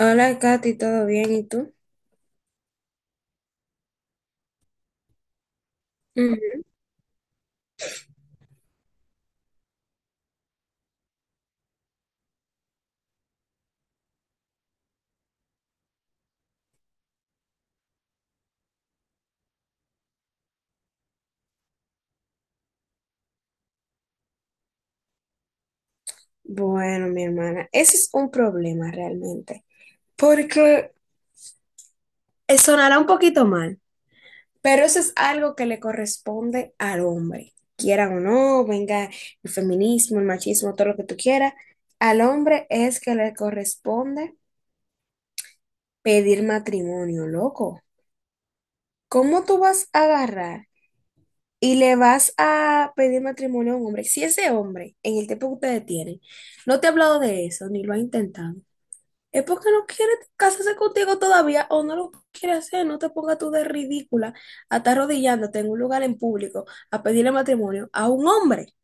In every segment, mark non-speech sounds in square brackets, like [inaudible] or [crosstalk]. Hola, Katy, ¿todo bien? ¿Y tú? Ujú. Bueno, mi hermana, ese es un problema realmente, porque sonará un poquito mal, pero eso es algo que le corresponde al hombre, quiera o no, venga el feminismo, el machismo, todo lo que tú quieras, al hombre es que le corresponde pedir matrimonio, loco. ¿Cómo tú vas a agarrar y le vas a pedir matrimonio a un hombre? Si ese hombre, en el tiempo que ustedes tienen, no te ha hablado de eso, ni lo ha intentado. Es porque no quiere casarse contigo todavía o no lo quiere hacer. No te pongas tú de ridícula a estar arrodillándote en un lugar en público a pedirle matrimonio a un hombre.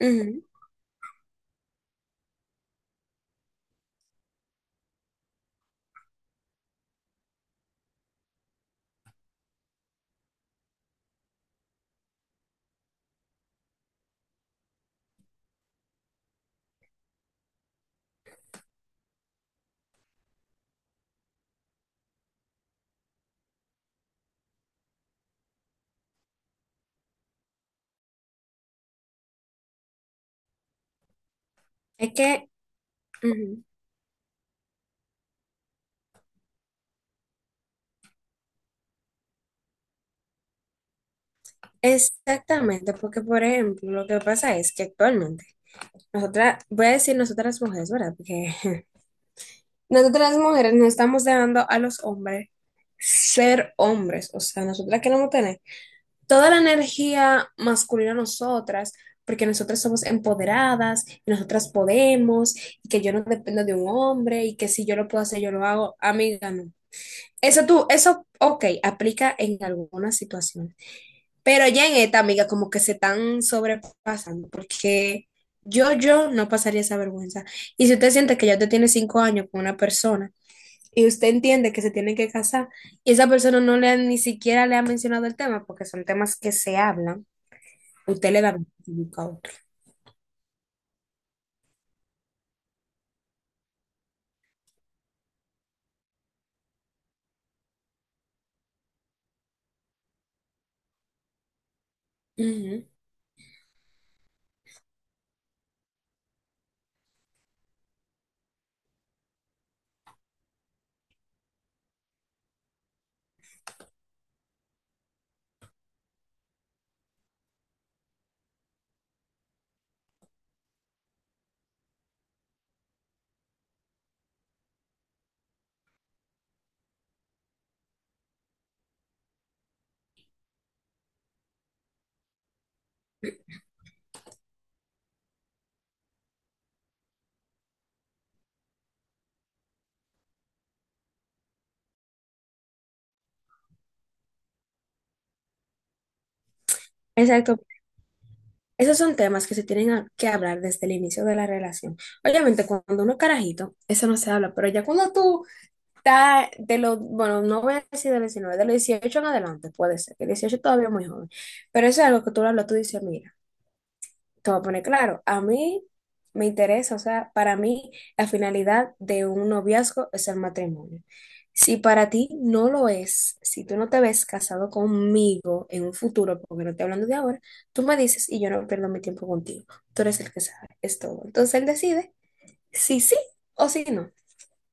Ujú. Es que, ujú. Exactamente, porque por ejemplo, lo que pasa es que actualmente, nosotras, voy a decir nosotras mujeres, ¿verdad? Porque [laughs] nosotras las mujeres no estamos dejando a los hombres ser hombres, o sea, nosotras queremos tener toda la energía masculina a nosotras, porque nosotras somos empoderadas y nosotras podemos, y que yo no dependo de un hombre y que si yo lo puedo hacer, yo lo hago, amiga, no. Eso tú, eso, ok, aplica en algunas situaciones, pero ya en esta, amiga, como que se están sobrepasando, porque yo no pasaría esa vergüenza. Y si usted siente que ya usted tiene 5 años con una persona y usted entiende que se tienen que casar y esa persona ni siquiera le ha mencionado el tema, porque son temas que se hablan, usted le da beneficio a otro. Ujú. Exacto. Esos son temas que se tienen que hablar desde el inicio de la relación. Obviamente, cuando uno es carajito, eso no se habla, pero ya cuando tú estás de los, bueno, no voy a decir de los 19, de los 18 en adelante, puede ser, que 18 todavía es muy joven, pero eso es algo que tú lo hablas, tú dices, mira, te voy a poner claro, a mí me interesa, o sea, para mí la finalidad de un noviazgo es el matrimonio. Si para ti no lo es, si tú no te ves casado conmigo en un futuro, porque no estoy hablando de ahora, tú me dices y yo no pierdo mi tiempo contigo. Tú eres el que sabe, es todo. Entonces él decide si sí o si no.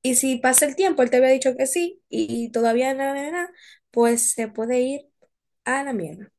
Y si pasa el tiempo, él te había dicho que sí y todavía nada, nada, nada, pues se puede ir a la mierda,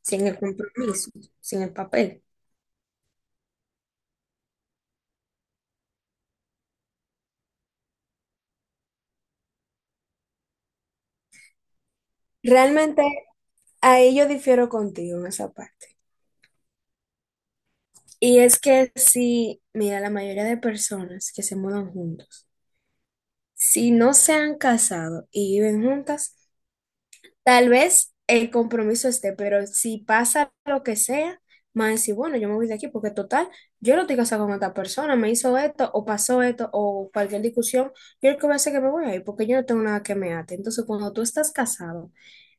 sin el compromiso, sin el papel. Realmente, ahí yo difiero contigo en esa parte. Y es que si, mira, la mayoría de personas que se mudan juntos, si no se han casado y viven juntas, tal vez el compromiso esté, pero si pasa lo que sea, más decir, bueno, yo me voy de aquí porque total, yo no estoy casada con esta persona, me hizo esto o pasó esto o cualquier discusión, yo lo que voy a hacer es que me voy a ir porque yo no tengo nada que me ate. Entonces, cuando tú estás casado,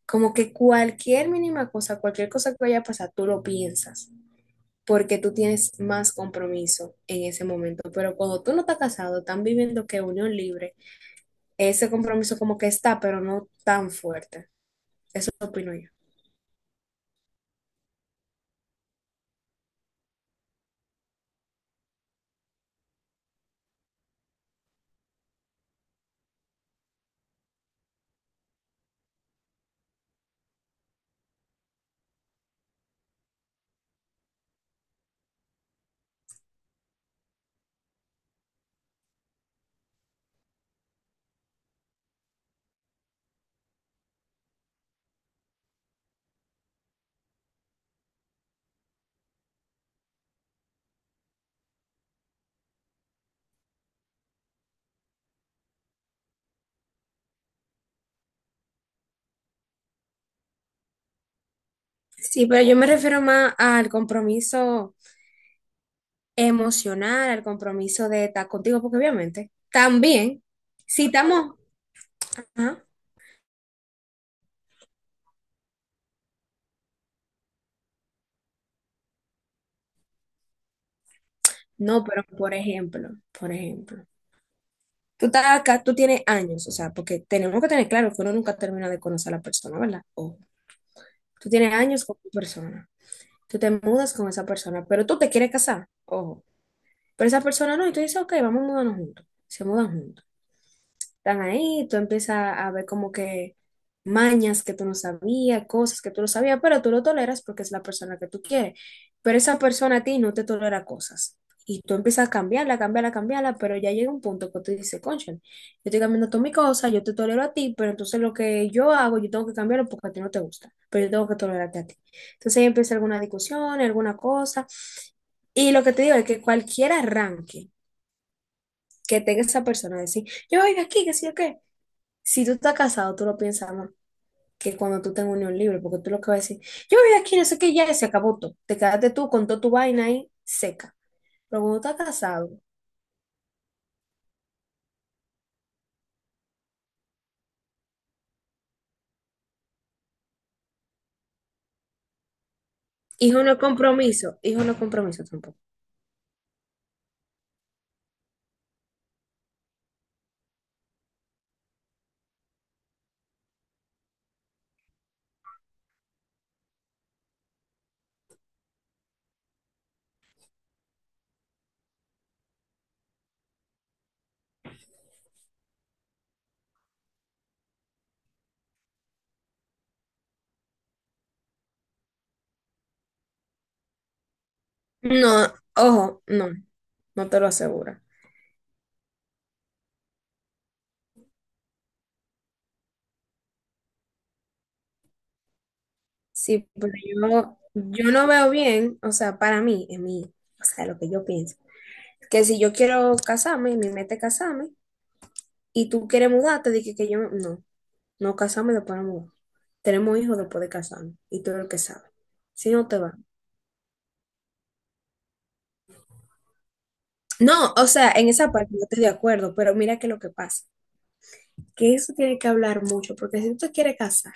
como que cualquier mínima cosa, cualquier cosa que vaya a pasar, tú lo piensas, porque tú tienes más compromiso en ese momento. Pero cuando tú no estás casado, están viviendo que unión libre, ese compromiso como que está, pero no tan fuerte. Eso opino yo. Sí, pero yo me refiero más al compromiso emocional, al compromiso de estar contigo, porque obviamente también, si estamos, ajá. No, pero por ejemplo, tú estás acá, tú tienes años, o sea, porque tenemos que tener claro que uno nunca termina de conocer a la persona, ¿verdad? O tú tienes años con tu persona. Tú te mudas con esa persona, pero tú te quieres casar, ojo. Pero esa persona no, y tú dices, ok, vamos a mudarnos juntos. Se mudan juntos, están ahí, tú empiezas a ver como que mañas que tú no sabías, cosas que tú no sabías, pero tú lo toleras porque es la persona que tú quieres. Pero esa persona a ti no te tolera cosas. Y tú empiezas a cambiarla, cambiarla, cambiarla, pero ya llega un punto que tú dices, concha, yo estoy cambiando todas mis cosas, yo te tolero a ti, pero entonces lo que yo hago, yo tengo que cambiarlo porque a ti no te gusta, pero yo tengo que tolerarte a ti. Entonces ahí empieza alguna discusión, alguna cosa. Y lo que te digo es que cualquier arranque que tenga esa persona, decir, yo voy de aquí, que sí, ok. Si tú estás casado, tú lo piensas más que cuando tú tengas unión libre, porque tú lo que vas a decir, yo voy aquí, no sé qué, ya se acabó todo. Te quedaste tú con toda tu vaina ahí seca. Pero cuando estás casado, hijo no es compromiso, hijo no es compromiso tampoco. No, ojo, no, no te lo aseguro. Sí, pero yo no veo bien, o sea, para mí, en mí, o sea, lo que yo pienso, que si yo quiero casarme, mi meta es casarme, y tú quieres mudarte, dije que yo no. No casamos y después nos mudamos. Tenemos hijos después de casarnos y todo lo que sabe. Si no te va. No, o sea, en esa parte no estoy de acuerdo, pero mira que lo que pasa, que eso tiene que hablar mucho, porque si tú te quieres casar,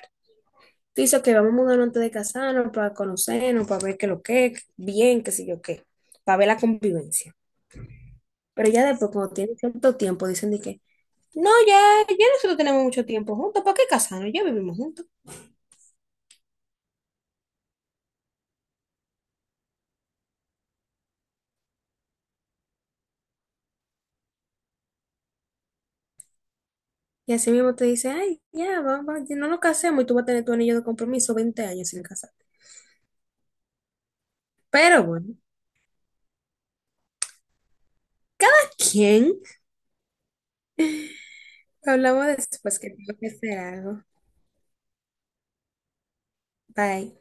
tú dices que vamos a mudarnos antes de casarnos para conocernos, para ver qué lo que es, bien, qué sé yo qué, para ver la convivencia. Pero ya después, cuando tienen cierto tiempo, dicen de que, no, ya, ya nosotros tenemos mucho tiempo juntos, ¿para qué casarnos? Ya vivimos juntos. Y así mismo te dice, ay, ya, vamos, no nos casemos y tú vas a tener tu anillo de compromiso 20 años sin casar. Pero bueno, ¿quién? Hablamos después que tengo que hacer algo. Bye.